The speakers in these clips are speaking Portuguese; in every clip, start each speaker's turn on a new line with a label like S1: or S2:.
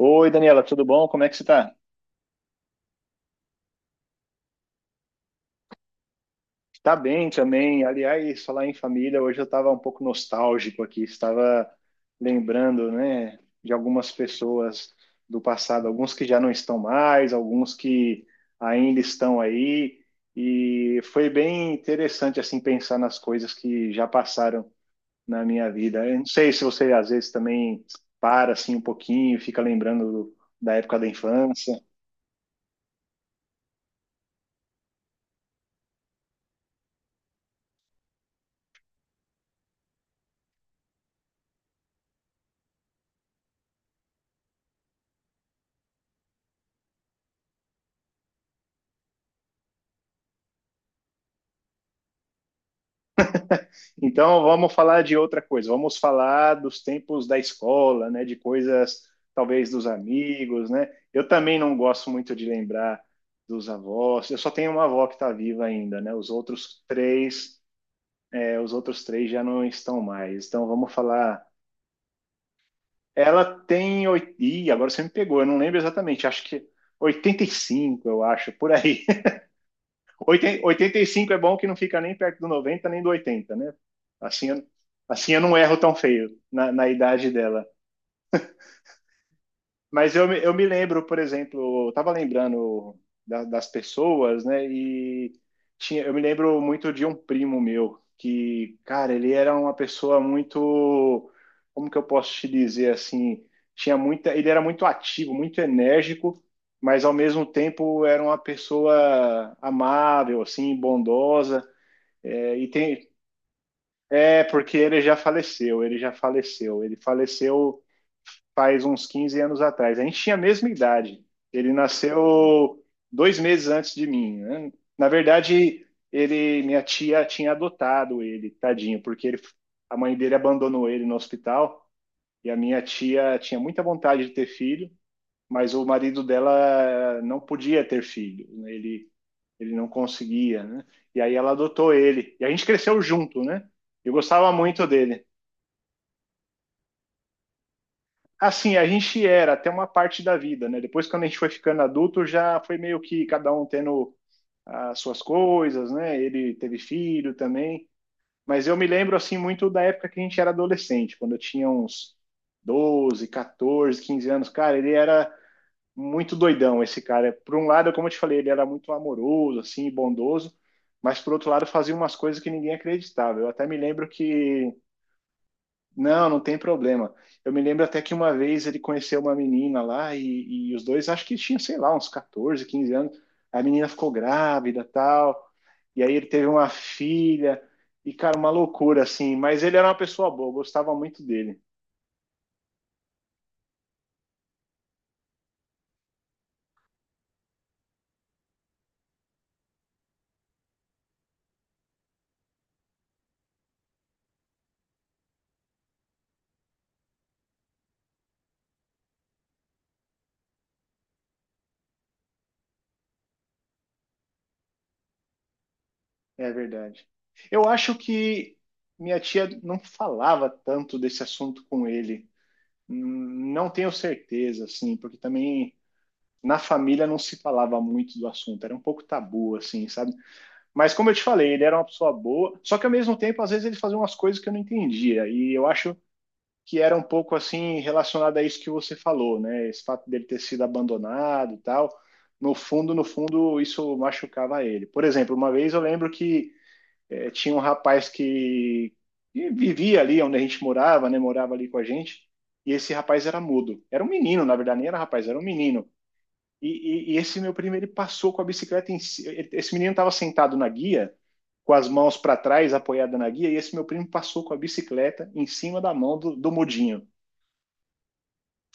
S1: Oi, Daniela, tudo bom? Como é que você tá? Tá bem também. Aliás, falar em família, hoje eu estava um pouco nostálgico aqui, estava lembrando, né, de algumas pessoas do passado, alguns que já não estão mais, alguns que ainda estão aí, e foi bem interessante assim pensar nas coisas que já passaram na minha vida. Eu não sei se você às vezes também para assim um pouquinho, fica lembrando da época da infância. Então vamos falar de outra coisa, vamos falar dos tempos da escola, né, de coisas talvez dos amigos, né? Eu também não gosto muito de lembrar dos avós. Eu só tenho uma avó que está viva ainda, né? Os outros três, os outros três já não estão mais. Então vamos falar. Ih, agora você me pegou, eu não lembro exatamente. Acho que 85, eu acho, por aí. 85 é bom que não fica nem perto do 90 nem do 80, né? Assim, assim eu não erro tão feio na idade dela. Mas eu me lembro, por exemplo, eu tava lembrando das pessoas, né? E tinha, eu me lembro muito de um primo meu, que, cara, ele era uma pessoa muito, como que eu posso te dizer assim? Tinha muita, ele era muito ativo, muito enérgico, mas ao mesmo tempo era uma pessoa amável, assim, bondosa. É, e tem, porque ele já faleceu, Ele faleceu faz uns 15 anos atrás. A gente tinha a mesma idade. Ele nasceu 2 meses antes de mim, né? Na verdade, ele, minha tia tinha adotado ele, tadinho, porque ele, a mãe dele abandonou ele no hospital. E a minha tia tinha muita vontade de ter filho, mas o marido dela não podia ter filho, né? Ele não conseguia, né? E aí ela adotou ele. E a gente cresceu junto, né? Eu gostava muito dele. Assim, a gente era até uma parte da vida, né? Depois, quando a gente foi ficando adulto, já foi meio que cada um tendo as suas coisas, né? Ele teve filho também. Mas eu me lembro, assim, muito da época que a gente era adolescente, quando eu tinha uns 12, 14, 15 anos. Cara, ele era muito doidão esse cara. Por um lado, como eu te falei, ele era muito amoroso, assim, bondoso, mas por outro lado fazia umas coisas que ninguém acreditava. Eu até me lembro que, não, não tem problema. Eu me lembro até que uma vez ele conheceu uma menina lá e os dois, acho que tinha, sei lá, uns 14, 15 anos. A menina ficou grávida, tal. E aí ele teve uma filha. E, cara, uma loucura, assim. Mas ele era uma pessoa boa, eu gostava muito dele. É verdade. Eu acho que minha tia não falava tanto desse assunto com ele. Não tenho certeza, assim, porque também na família não se falava muito do assunto, era um pouco tabu, assim, sabe? Mas como eu te falei, ele era uma pessoa boa, só que ao mesmo tempo, às vezes ele fazia umas coisas que eu não entendia, e eu acho que era um pouco assim relacionado a isso que você falou, né? Esse fato dele ter sido abandonado e tal. No fundo, no fundo, isso machucava ele. Por exemplo, uma vez eu lembro que tinha um rapaz que vivia ali onde a gente morava, né? Morava ali com a gente. E esse rapaz era mudo. Era um menino, na verdade, nem era rapaz, era um menino. E, e esse meu primo, ele passou com a bicicleta Esse menino estava sentado na guia, com as mãos para trás, apoiada na guia, e esse meu primo passou com a bicicleta em cima da mão do mudinho,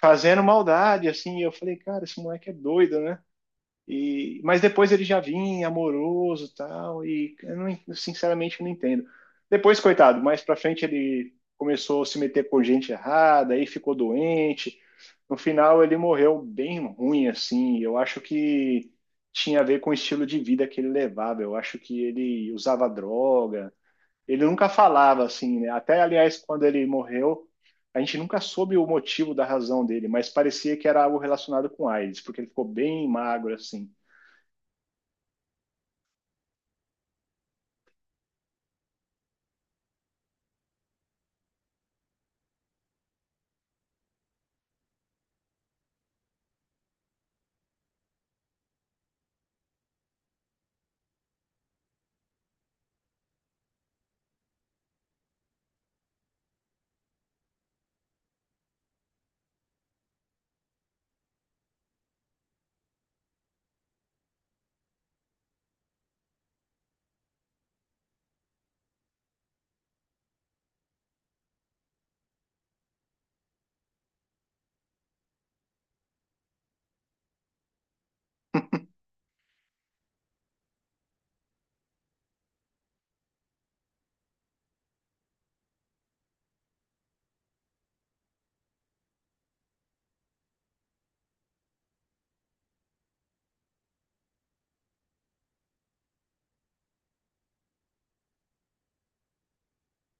S1: fazendo maldade, assim. E eu falei, cara, esse moleque é doido, né? E, mas depois ele já vinha amoroso e tal, e eu não, eu sinceramente não entendo. Depois, coitado, mais pra frente ele começou a se meter por gente errada, aí ficou doente. No final ele morreu bem ruim, assim. Eu acho que tinha a ver com o estilo de vida que ele levava. Eu acho que ele usava droga. Ele nunca falava assim, né? Até, aliás, quando ele morreu, a gente nunca soube o motivo da razão dele, mas parecia que era algo relacionado com AIDS, porque ele ficou bem magro assim.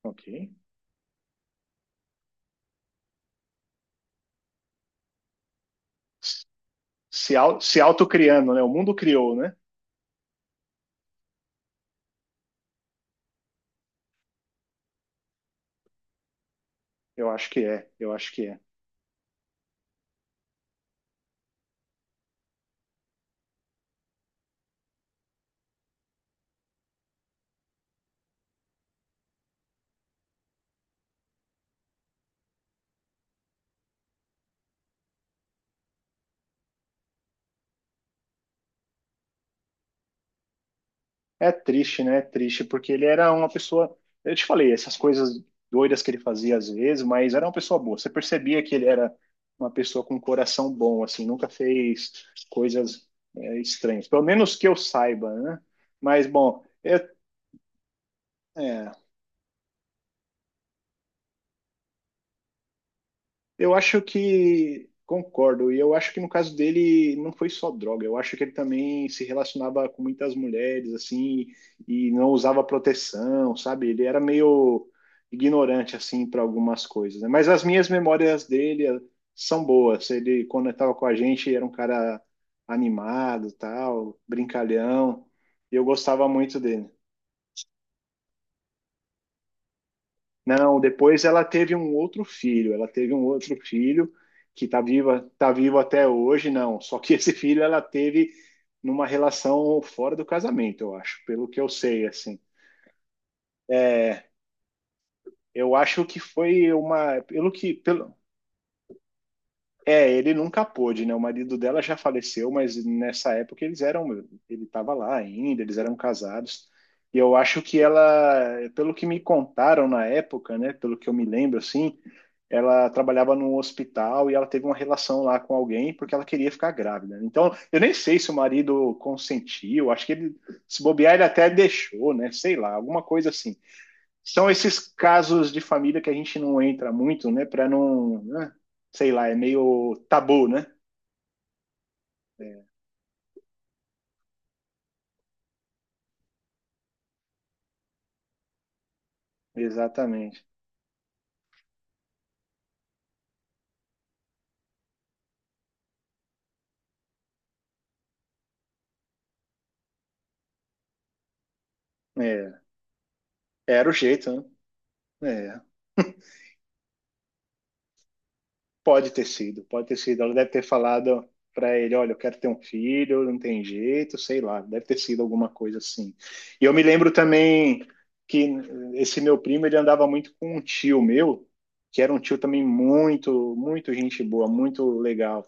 S1: Ok. Se autocriando, né? O mundo criou, né? Eu acho que é, eu acho que é. É triste, né? É triste, porque ele era uma pessoa. Eu te falei, essas coisas doidas que ele fazia às vezes, mas era uma pessoa boa. Você percebia que ele era uma pessoa com um coração bom, assim, nunca fez coisas, estranhas. Pelo menos que eu saiba, né? Mas, bom, é, eu acho que concordo, e eu acho que no caso dele não foi só droga, eu acho que ele também se relacionava com muitas mulheres, assim, e não usava proteção, sabe? Ele era meio ignorante, assim, para algumas coisas, né? Mas as minhas memórias dele são boas. Ele, quando estava com a gente, era um cara animado, tal, brincalhão, e eu gostava muito dele. Não, depois ela teve um outro filho. Ela teve um outro filho que tá viva, tá vivo até hoje, não. Só que esse filho ela teve numa relação fora do casamento, eu acho, pelo que eu sei, assim. É, eu acho que foi uma, pelo que, pelo, é, ele nunca pôde, né? O marido dela já faleceu, mas nessa época eles eram, ele estava lá ainda, eles eram casados. E eu acho que ela, pelo que me contaram na época, né? Pelo que eu me lembro, assim, ela trabalhava num hospital e ela teve uma relação lá com alguém porque ela queria ficar grávida. Então, eu nem sei se o marido consentiu, acho que ele, se bobear, ele até deixou, né? Sei lá, alguma coisa assim. São esses casos de família que a gente não entra muito, né? Para não, né? Sei lá, é meio tabu, né? Exatamente. É, era o jeito, né? É, pode ter sido, pode ter sido. Ela deve ter falado para ele, olha, eu quero ter um filho, não tem jeito, sei lá, deve ter sido alguma coisa assim. E eu me lembro também que esse meu primo, ele andava muito com um tio meu, que era um tio também muito, muito gente boa, muito legal.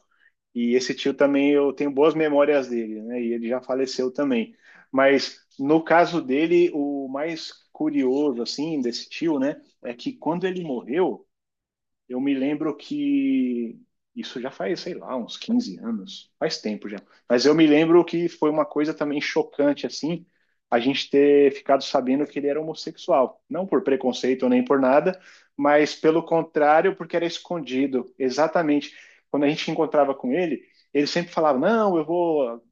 S1: E esse tio também eu tenho boas memórias dele, né? E ele já faleceu também. Mas no caso dele, o mais curioso assim desse tio, né, é que quando ele morreu eu me lembro que isso já faz, sei lá, uns 15 anos, faz tempo já. Mas eu me lembro que foi uma coisa também chocante, assim, a gente ter ficado sabendo que ele era homossexual. Não por preconceito nem por nada, mas pelo contrário, porque era escondido. Exatamente. Quando a gente encontrava com ele, ele sempre falava: Não, eu vou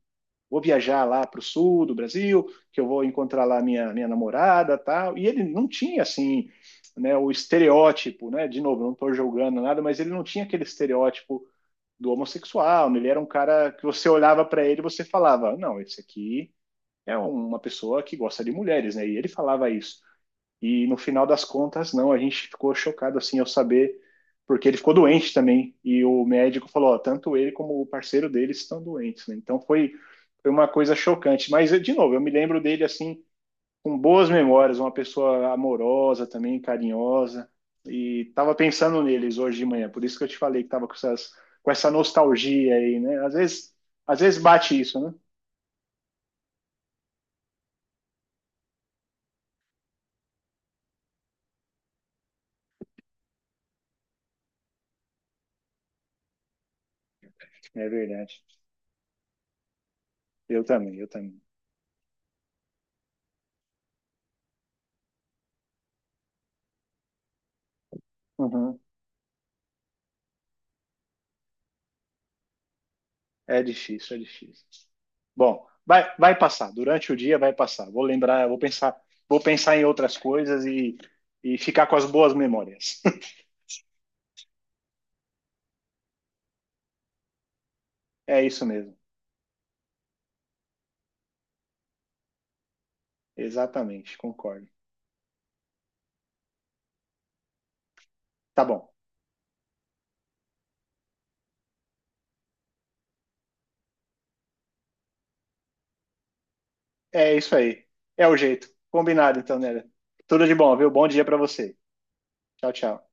S1: vou viajar lá para o sul do Brasil, que eu vou encontrar lá minha namorada tal. E ele não tinha assim, né, o estereótipo, né? De novo, não estou julgando nada, mas ele não tinha aquele estereótipo do homossexual, né? Ele era um cara que você olhava para ele e você falava, não, esse aqui é uma pessoa que gosta de mulheres, né? E ele falava isso. E no final das contas, não, a gente ficou chocado assim ao saber, porque ele ficou doente também, e o médico falou, ó, tanto ele como o parceiro dele estão doentes, né? Então foi uma coisa chocante. Mas, de novo, eu me lembro dele assim, com boas memórias, uma pessoa amorosa também, carinhosa, e tava pensando neles hoje de manhã, por isso que eu te falei que tava com essas, com essa nostalgia aí, né? Às vezes bate isso, né? É verdade. Eu também, eu também. Uhum. É difícil, é difícil. Bom, vai passar. Durante o dia vai passar. Vou lembrar, vou pensar em outras coisas e ficar com as boas memórias. É isso mesmo. Exatamente, concordo. Tá bom. É isso aí. É o jeito. Combinado, então, Nélia. Tudo de bom, viu? Bom dia pra você. Tchau, tchau.